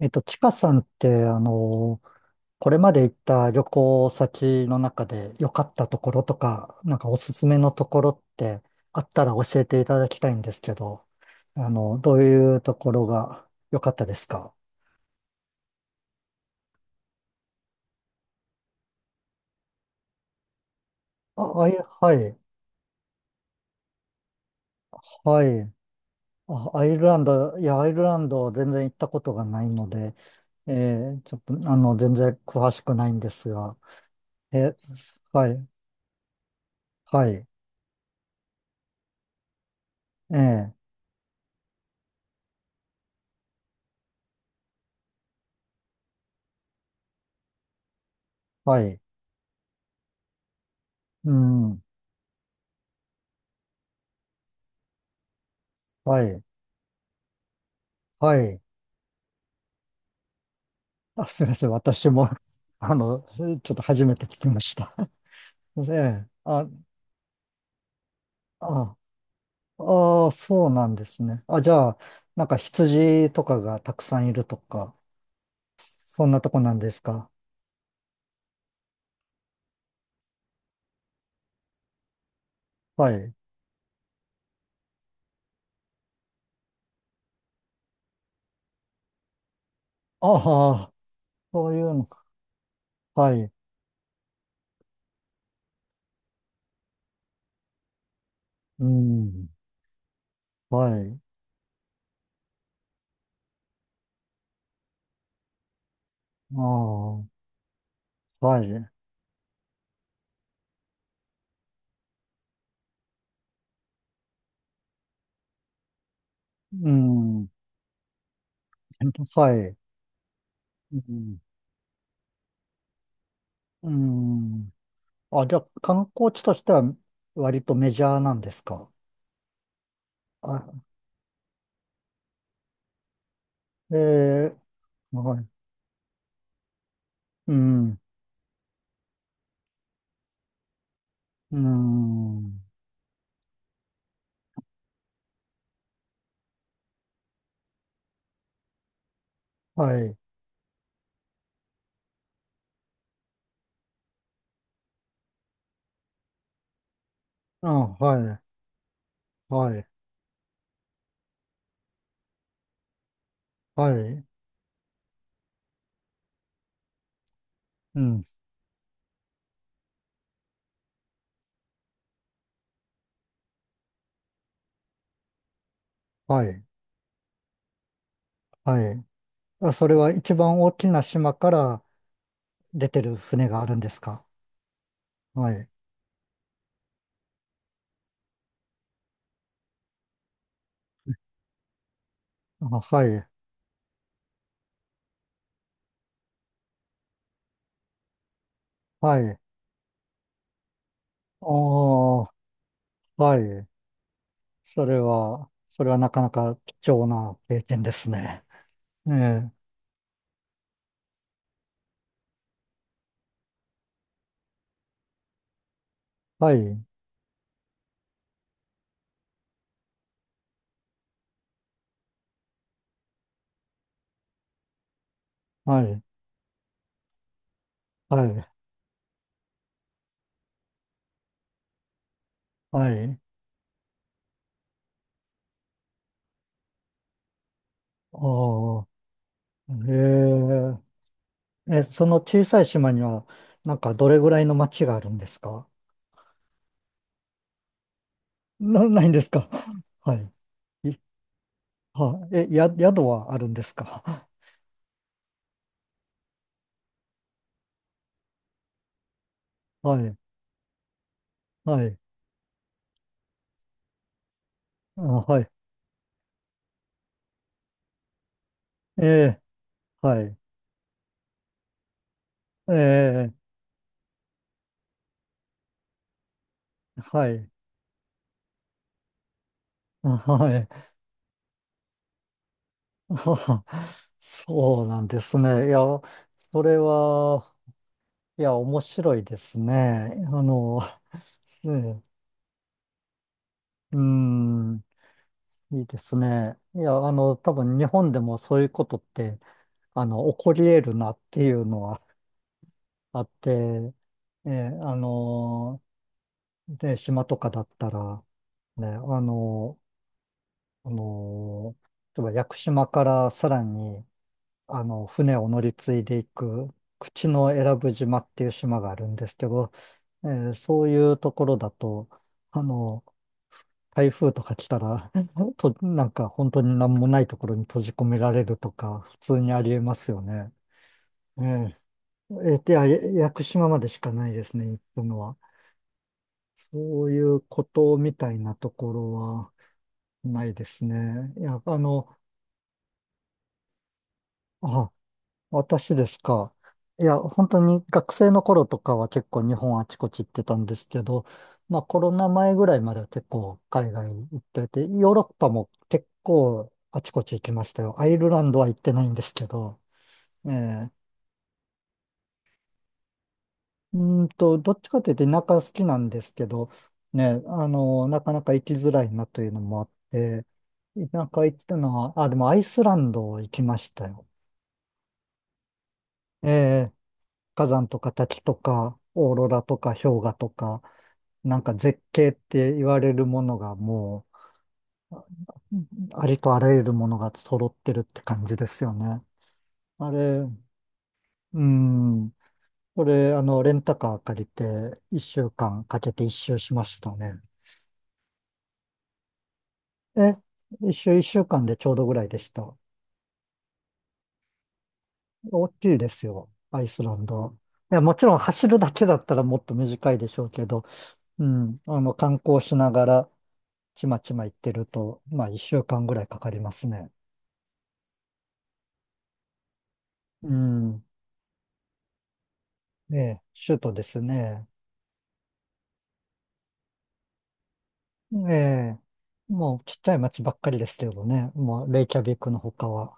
ちかさんって、これまで行った旅行先の中で良かったところとか、なんかおすすめのところってあったら教えていただきたいんですけど、どういうところが良かったですか？あ、はい、はい。あ、アイルランド、いや、アイルランド全然行ったことがないので、えちょっと、全然詳しくないんですが、え、はい、はい、えーはい、うん、はい、はい。あ、すみません。私も、あの、ちょっと初めて聞きました。ええ、あ、あ、ああ、そうなんですね。あ、じゃあ、なんか羊とかがたくさんいるとか、そんなとこなんですか？はい。ああ、そういうのか。はい。うん。はい。ああ、はい。うん。はい。うん。うん。あ、じゃあ、観光地としては割とメジャーなんですか？あ、ええ、はい。うん。うーん。はい。あ、はい。はい。はい。うん。はい。はい。あ、それは一番大きな島から出てる船があるんですか？はい。あ、はい。はい。おー、はい。それはなかなか貴重な経験ですね。ねえ。はい。はい。はい。はい。おー。ええ。え、その小さい島には、なんかどれぐらいの町があるんですか？ないんですか？はい。いは、え、や、宿はあるんですか？はい。はい。あ、はい。ええ、はい。ええ、はい。あ、はい。はは。そうなんですね。いや、それは、いや、面白いですね。ええ、うん、いいですね。いや、多分日本でもそういうことって、起こり得るなっていうのはあって、ええ、で、島とかだったら、ね、あの、例えば屋久島からさらに、船を乗り継いでいく、口永良部島っていう島があるんですけど、そういうところだと、あの、台風とか来たら、なんか本当に何もないところに閉じ込められるとか、普通にありえますよね。ええで、屋久島までしかないですね、行くのは。そういうことみたいなところは、ないですね。いや、あ、私ですか？いや、本当に学生の頃とかは結構日本あちこち行ってたんですけど、まあコロナ前ぐらいまでは結構海外に行ってて、ヨーロッパも結構あちこち行きましたよ。アイルランドは行ってないんですけど、ええ、うどっちかというと田舎好きなんですけど、ね、なかなか行きづらいなというのもあって、田舎行ったのは、あ、でもアイスランド行きましたよ。ええ、火山とか滝とか、オーロラとか氷河とか、なんか絶景って言われるものがもう、うん、ありとあらゆるものが揃ってるって感じですよね。あれ、うん。これ、レンタカー借りて、一週間かけて一周しましたね。え、一周一週間でちょうどぐらいでした。大きいですよ、アイスランド。いや、もちろん走るだけだったらもっと短いでしょうけど、うん、観光しながら、ちまちま行ってると、まあ、一週間ぐらいかかりますね。うん。ええ、首都ですね。ええ、もうちっちゃい町ばっかりですけどね。もう、レイキャビックの他は。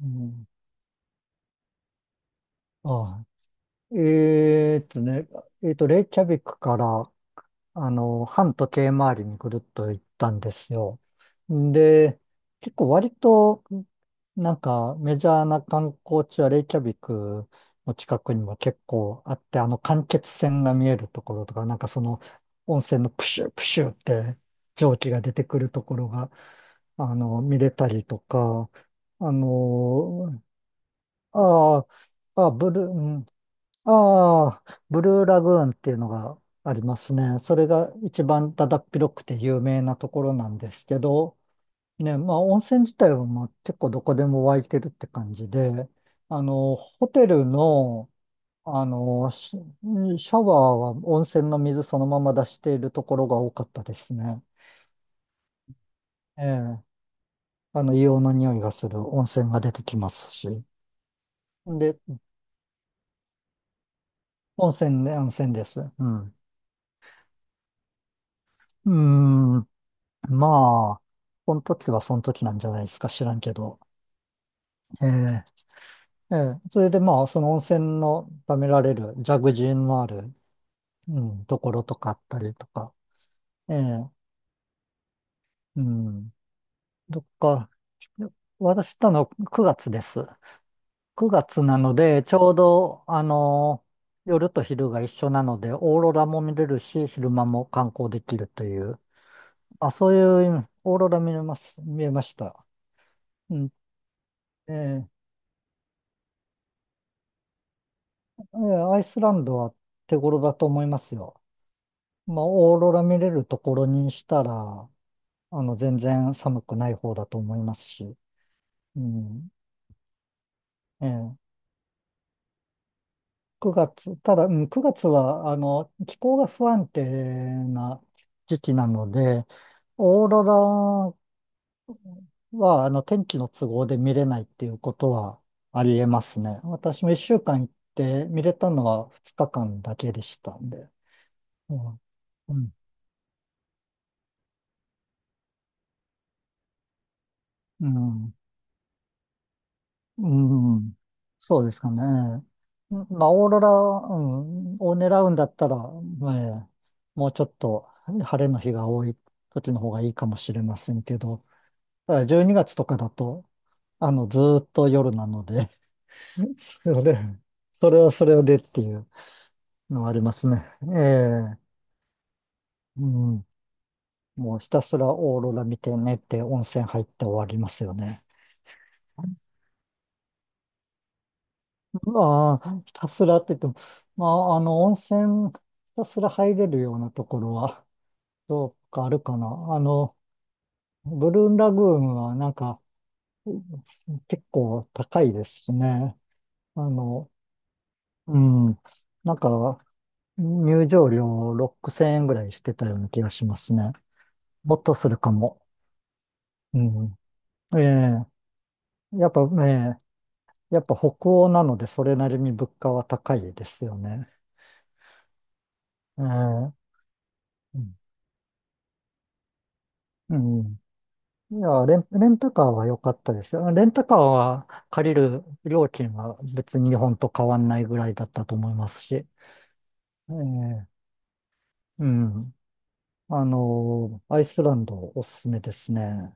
うん、ああ、えーっとね、えーっと、レイキャビックから、反時計回りにぐるっと行ったんですよ。で、結構割と、なんかメジャーな観光地はレイキャビクの近くにも結構あって、間欠泉が見えるところとか、なんかその温泉のプシュプシュって蒸気が出てくるところが、見れたりとか、あの、ああ、あブルー、うん、ああ、ブルーラグーンっていうのがありますね。それが一番だだっ広くて有名なところなんですけど、ね、まあ温泉自体はまあ結構どこでも湧いてるって感じで、ホテルの、シシャワーは温泉の水そのまま出しているところが多かったですね。ええ、硫黄の匂いがする温泉が出てきますし。で、温泉ね、温泉です。うん。ーんまあ、その時はその時なんじゃないですか、知らんけど。ええええ、それでまあ、その温泉のためられる、ジャグジーのある、うん、ところとかあったりとか。ええ、うん。どっか、私行ったの9月です。9月なので、ちょうど、夜と昼が一緒なので、オーロラも見れるし、昼間も観光できるという、あ、そういう、オーロラ見えます、見えました。うん。ええええ、アイスランドは手頃だと思いますよ。まあ、オーロラ見れるところにしたら、全然寒くない方だと思いますし。うん。ええ、9月、ただ、うん、9月は、気候が不安定な時期なので、オーロラは、天気の都合で見れないっていうことはありえますね。私も1週間行って見れたのは2日間だけでしたんで。うん。うん。うんうん、そうですかね。うん、まあ、オーロラ、うん、を狙うんだったら、まあもうちょっと晴れの日が多い時の方がいいかもしれませんけど、ただ12月とかだと、ずーっと夜なので それ、それはそれでっていうのはありますね。ええ、うん、もうひたすらオーロラ見て寝て温泉入って終わりますよね。まあ、ひたすらって言っても、まあ、温泉、ひたすら入れるようなところは、どうかあるかな。ブルーンラグーンはなんか、結構高いですしね。あの、うん、なんか、入場料6000円ぐらいしてたような気がしますね。もっとするかも。うん。ええ、やっぱ、ええ、やっぱ北欧なので、それなりに物価は高いですよね。ええ、うん。うん、いや、レンタカーは良かったですよ。レンタカーは借りる料金は別に日本と変わんないぐらいだったと思いますし。ええ、うん。アイスランドおすすめですね。